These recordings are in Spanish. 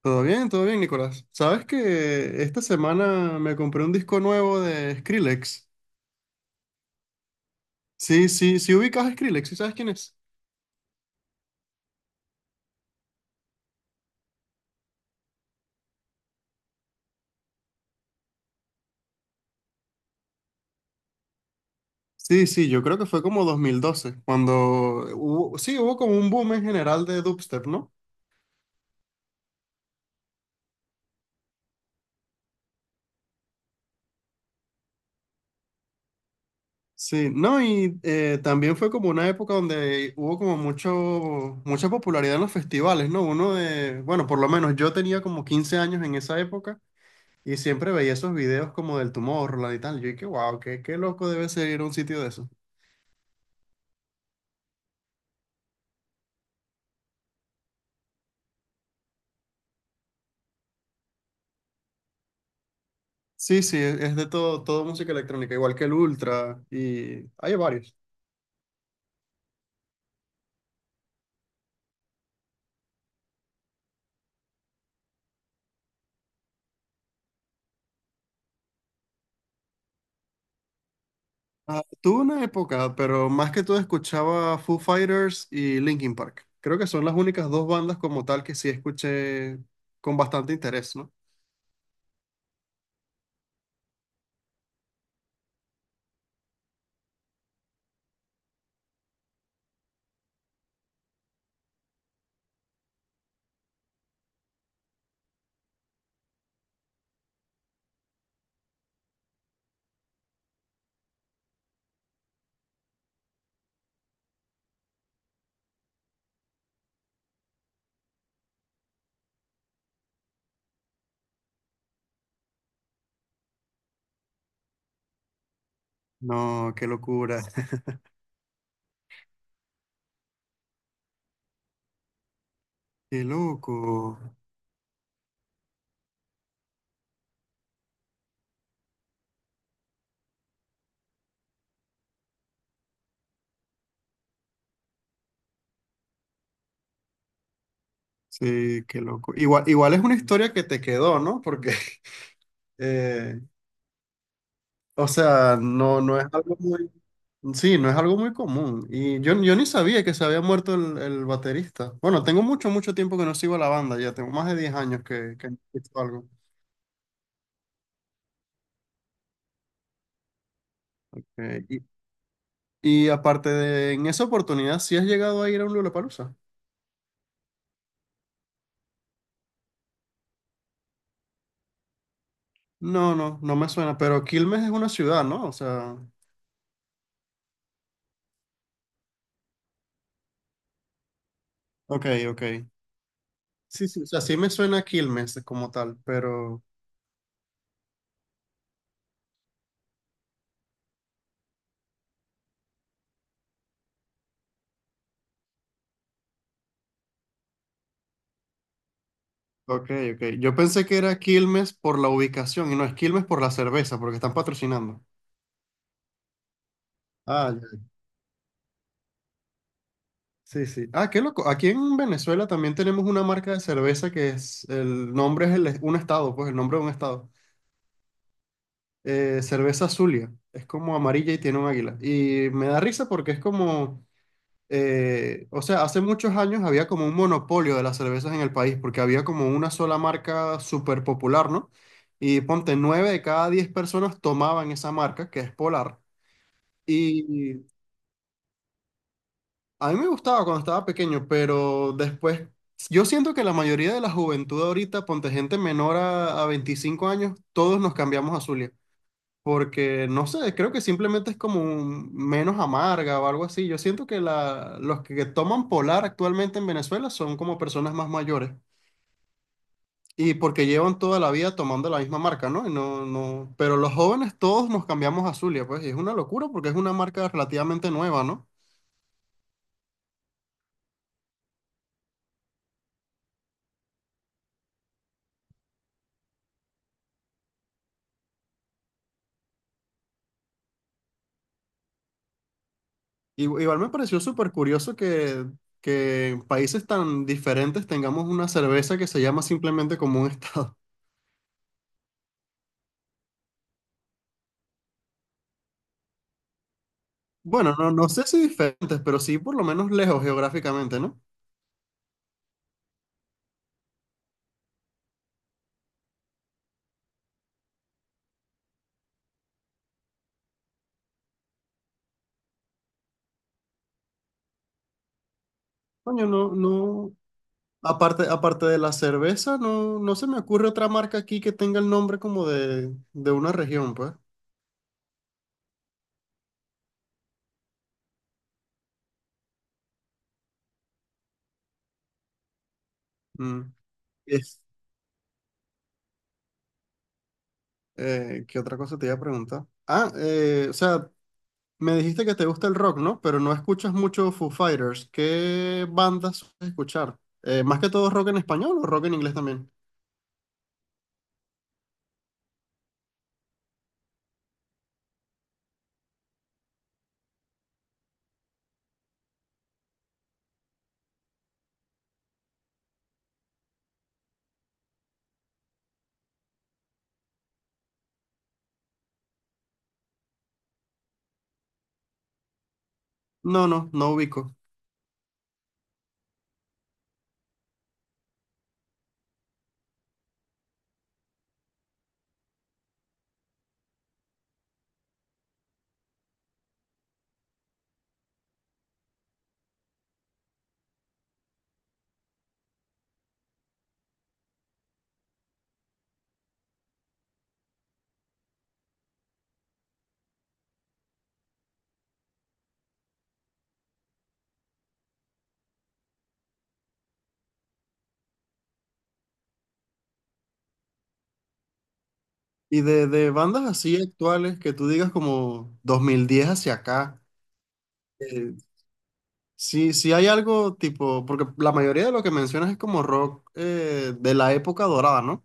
Todo bien, Nicolás. Sabes que esta semana me compré un disco nuevo de Skrillex. Sí, sí, ¿sí ubicas a Skrillex, sí sabes quién es? Sí, sí, yo creo que fue como 2012 cuando hubo, sí, hubo como un boom en general de dubstep, ¿no? Sí, no, y también fue como una época donde hubo como mucho, mucha popularidad en los festivales, ¿no? Bueno, por lo menos yo tenía como 15 años en esa época y siempre veía esos videos como del Tomorrowland y tal. Yo dije, wow, qué, qué loco debe ser ir a un sitio de eso. Sí, sí, es de todo, todo música electrónica, igual que el Ultra y hay varios. Ah, tuve una época, pero más que todo escuchaba Foo Fighters y Linkin Park. Creo que son las únicas dos bandas como tal que sí escuché con bastante interés, ¿no? No, qué locura. Qué loco. Sí, qué loco. Igual, igual es una historia que te quedó, ¿no? Porque eh, o sea, no, no es algo muy, sí, no es algo muy común. Y yo ni sabía que se había muerto el baterista. Bueno, tengo mucho, mucho tiempo que no sigo a la banda, ya tengo más de 10 años que no escucho algo. Eh, y, y aparte en esa oportunidad, ¿sí has llegado a ir a un Lollapalooza? No, no, no me suena, pero Quilmes es una ciudad, ¿no? O sea, ok, ok. Sí, sí, o sea, sí me suena Quilmes como tal, pero... Ok, ok. Yo pensé que era Quilmes por la ubicación y no es Quilmes por la cerveza, porque están patrocinando. Ah, sí, sí. Ah, qué loco. Aquí en Venezuela también tenemos una marca de cerveza que es, el nombre es el- un estado, pues el nombre de un estado. Cerveza Zulia. Es como amarilla y tiene un águila. Y me da risa porque es como, o sea, hace muchos años había como un monopolio de las cervezas en el país porque había como una sola marca súper popular, ¿no? Y ponte, nueve de cada diez personas tomaban esa marca, que es Polar. A mí me gustaba cuando estaba pequeño, pero después, yo siento que la mayoría de la juventud ahorita, ponte gente menor a 25 años, todos nos cambiamos a Zulia. Porque, no sé, creo que simplemente es como menos amarga o algo así. Yo siento que los que toman Polar actualmente en Venezuela son como personas más mayores. Y porque llevan toda la vida tomando la misma marca, ¿no? Y no, no... Pero los jóvenes todos nos cambiamos a Zulia, pues, y es una locura porque es una marca relativamente nueva, ¿no? Igual me pareció súper curioso que en países tan diferentes tengamos una cerveza que se llama simplemente como un estado. Bueno, no, no sé si diferentes, pero sí por lo menos lejos geográficamente, ¿no? Coño, no, no. Aparte, aparte de la cerveza, no, no se me ocurre otra marca aquí que tenga el nombre como de una región, pues. Mm. Es, ¿Qué otra cosa te iba a preguntar? Ah, o sea, me dijiste que te gusta el rock, ¿no? Pero no escuchas mucho Foo Fighters. ¿Qué bandas sueles escuchar? Más que todo rock en español o rock en inglés también. No, no, no ubico. Y de bandas así actuales que tú digas como 2010 hacia acá, eh, sí, sí hay algo tipo, porque la mayoría de lo que mencionas es como rock de la época dorada, ¿no?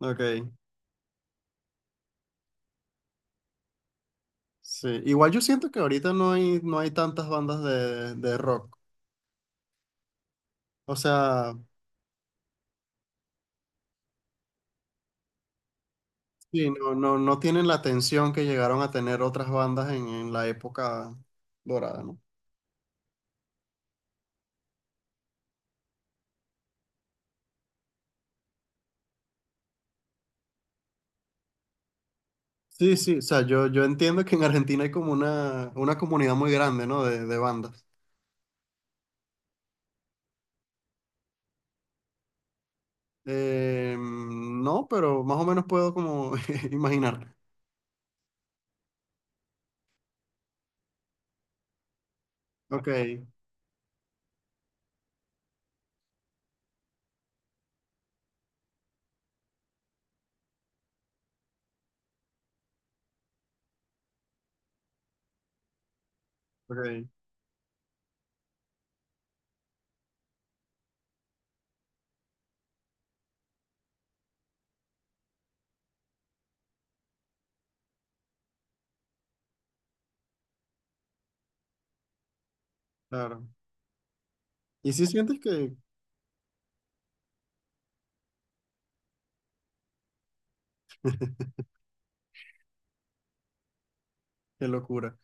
Ok, sí. Igual yo siento que ahorita no hay, no hay tantas bandas de rock. O sea, sí, no, no, no tienen la atención que llegaron a tener otras bandas en la época dorada, ¿no? Sí, sí, o sea, yo entiendo que en Argentina hay como una comunidad muy grande, ¿no? De bandas. No, pero más o menos puedo como imaginar. Ok, ok, claro. Y sí sientes que... Qué locura.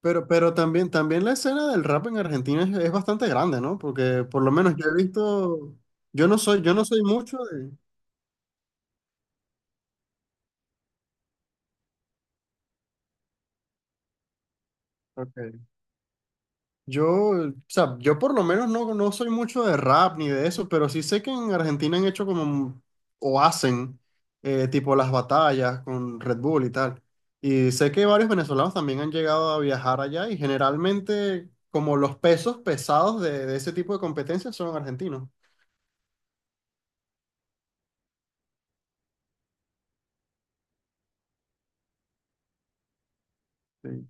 Pero también, también la escena del rap en Argentina es bastante grande, ¿no? Porque por lo menos yo he visto, yo no soy mucho de... Ok. Yo, o sea, yo por lo menos no, no soy mucho de rap ni de eso, pero sí sé que en Argentina han hecho como, o hacen, tipo las batallas con Red Bull y tal. Y sé que varios venezolanos también han llegado a viajar allá y generalmente como los pesos pesados de ese tipo de competencias son argentinos. Sí,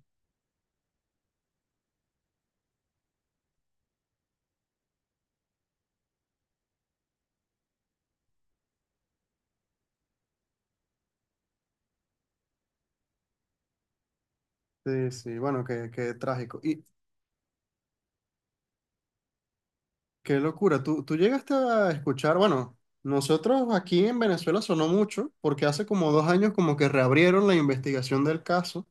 sí, sí, bueno, qué, qué trágico. Y qué locura. ¿Tú, tú llegaste a escuchar, bueno, nosotros aquí en Venezuela sonó mucho porque hace como 2 años como que reabrieron la investigación del caso?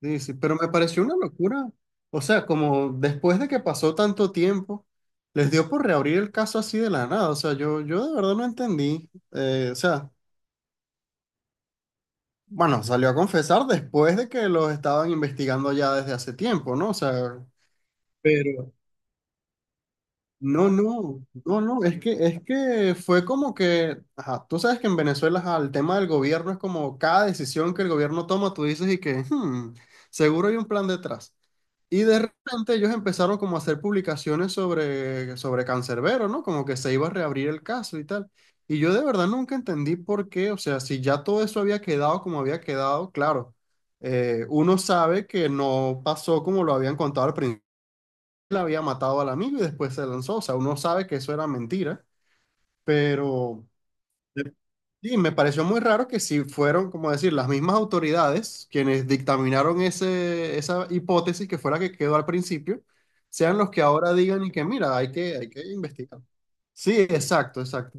Sí, sí, pero me pareció una locura. O sea, como después de que pasó tanto tiempo, les dio por reabrir el caso así de la nada. O sea, yo de verdad no entendí. O sea, bueno, salió a confesar después de que los estaban investigando ya desde hace tiempo, ¿no? O sea, pero... No, no, no, no, es que fue como que, ajá, tú sabes que en Venezuela, ajá, el tema del gobierno es como cada decisión que el gobierno toma, tú dices y que, "Hmm, seguro hay un plan detrás". Y de repente ellos empezaron como a hacer publicaciones sobre, sobre Cancerbero, ¿no? Como que se iba a reabrir el caso y tal. Y yo de verdad nunca entendí por qué, o sea, si ya todo eso había quedado como había quedado, claro, uno sabe que no pasó como lo habían contado al principio, la había matado al amigo y después se lanzó. O sea, uno sabe que eso era mentira, pero sí, me pareció muy raro que si fueron, como decir, las mismas autoridades quienes dictaminaron esa hipótesis que fue la que quedó al principio, sean los que ahora digan y que, mira, hay que investigar. Sí, exacto, exacto.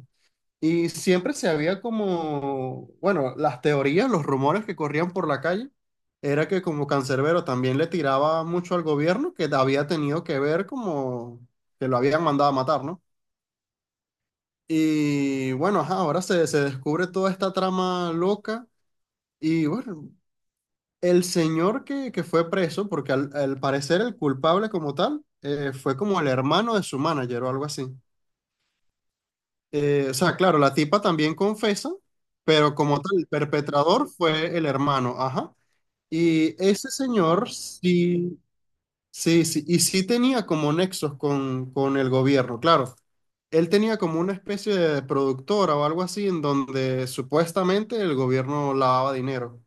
Y siempre se había como, bueno, las teorías, los rumores que corrían por la calle, era que como Cancerbero también le tiraba mucho al gobierno, que había tenido que ver como que lo habían mandado a matar, ¿no? Y bueno, ajá, ahora se descubre toda esta trama loca y bueno, el señor que fue preso, porque al parecer el culpable como tal, fue como el hermano de su manager o algo así. O sea, claro, la tipa también confesa, pero como tal, el perpetrador fue el hermano, ajá. Y ese señor sí, sí, sí, y sí tenía como nexos con el gobierno, claro. Él tenía como una especie de productora o algo así en donde supuestamente el gobierno lavaba dinero.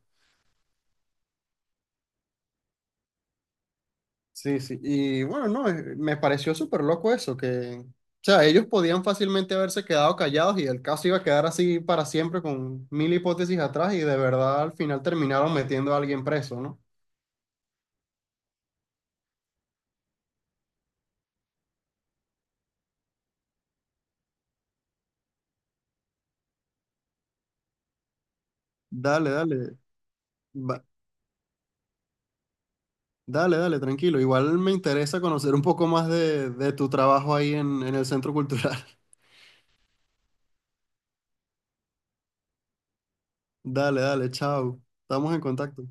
Sí, sí. Y bueno, no, me pareció súper loco eso, que, o sea, ellos podían fácilmente haberse quedado callados y el caso iba a quedar así para siempre con mil hipótesis atrás y de verdad al final terminaron metiendo a alguien preso, ¿no? Dale, dale, va- dale, dale, tranquilo. Igual me interesa conocer un poco más de tu trabajo ahí en el Centro Cultural. Dale, dale, chao. Estamos en contacto.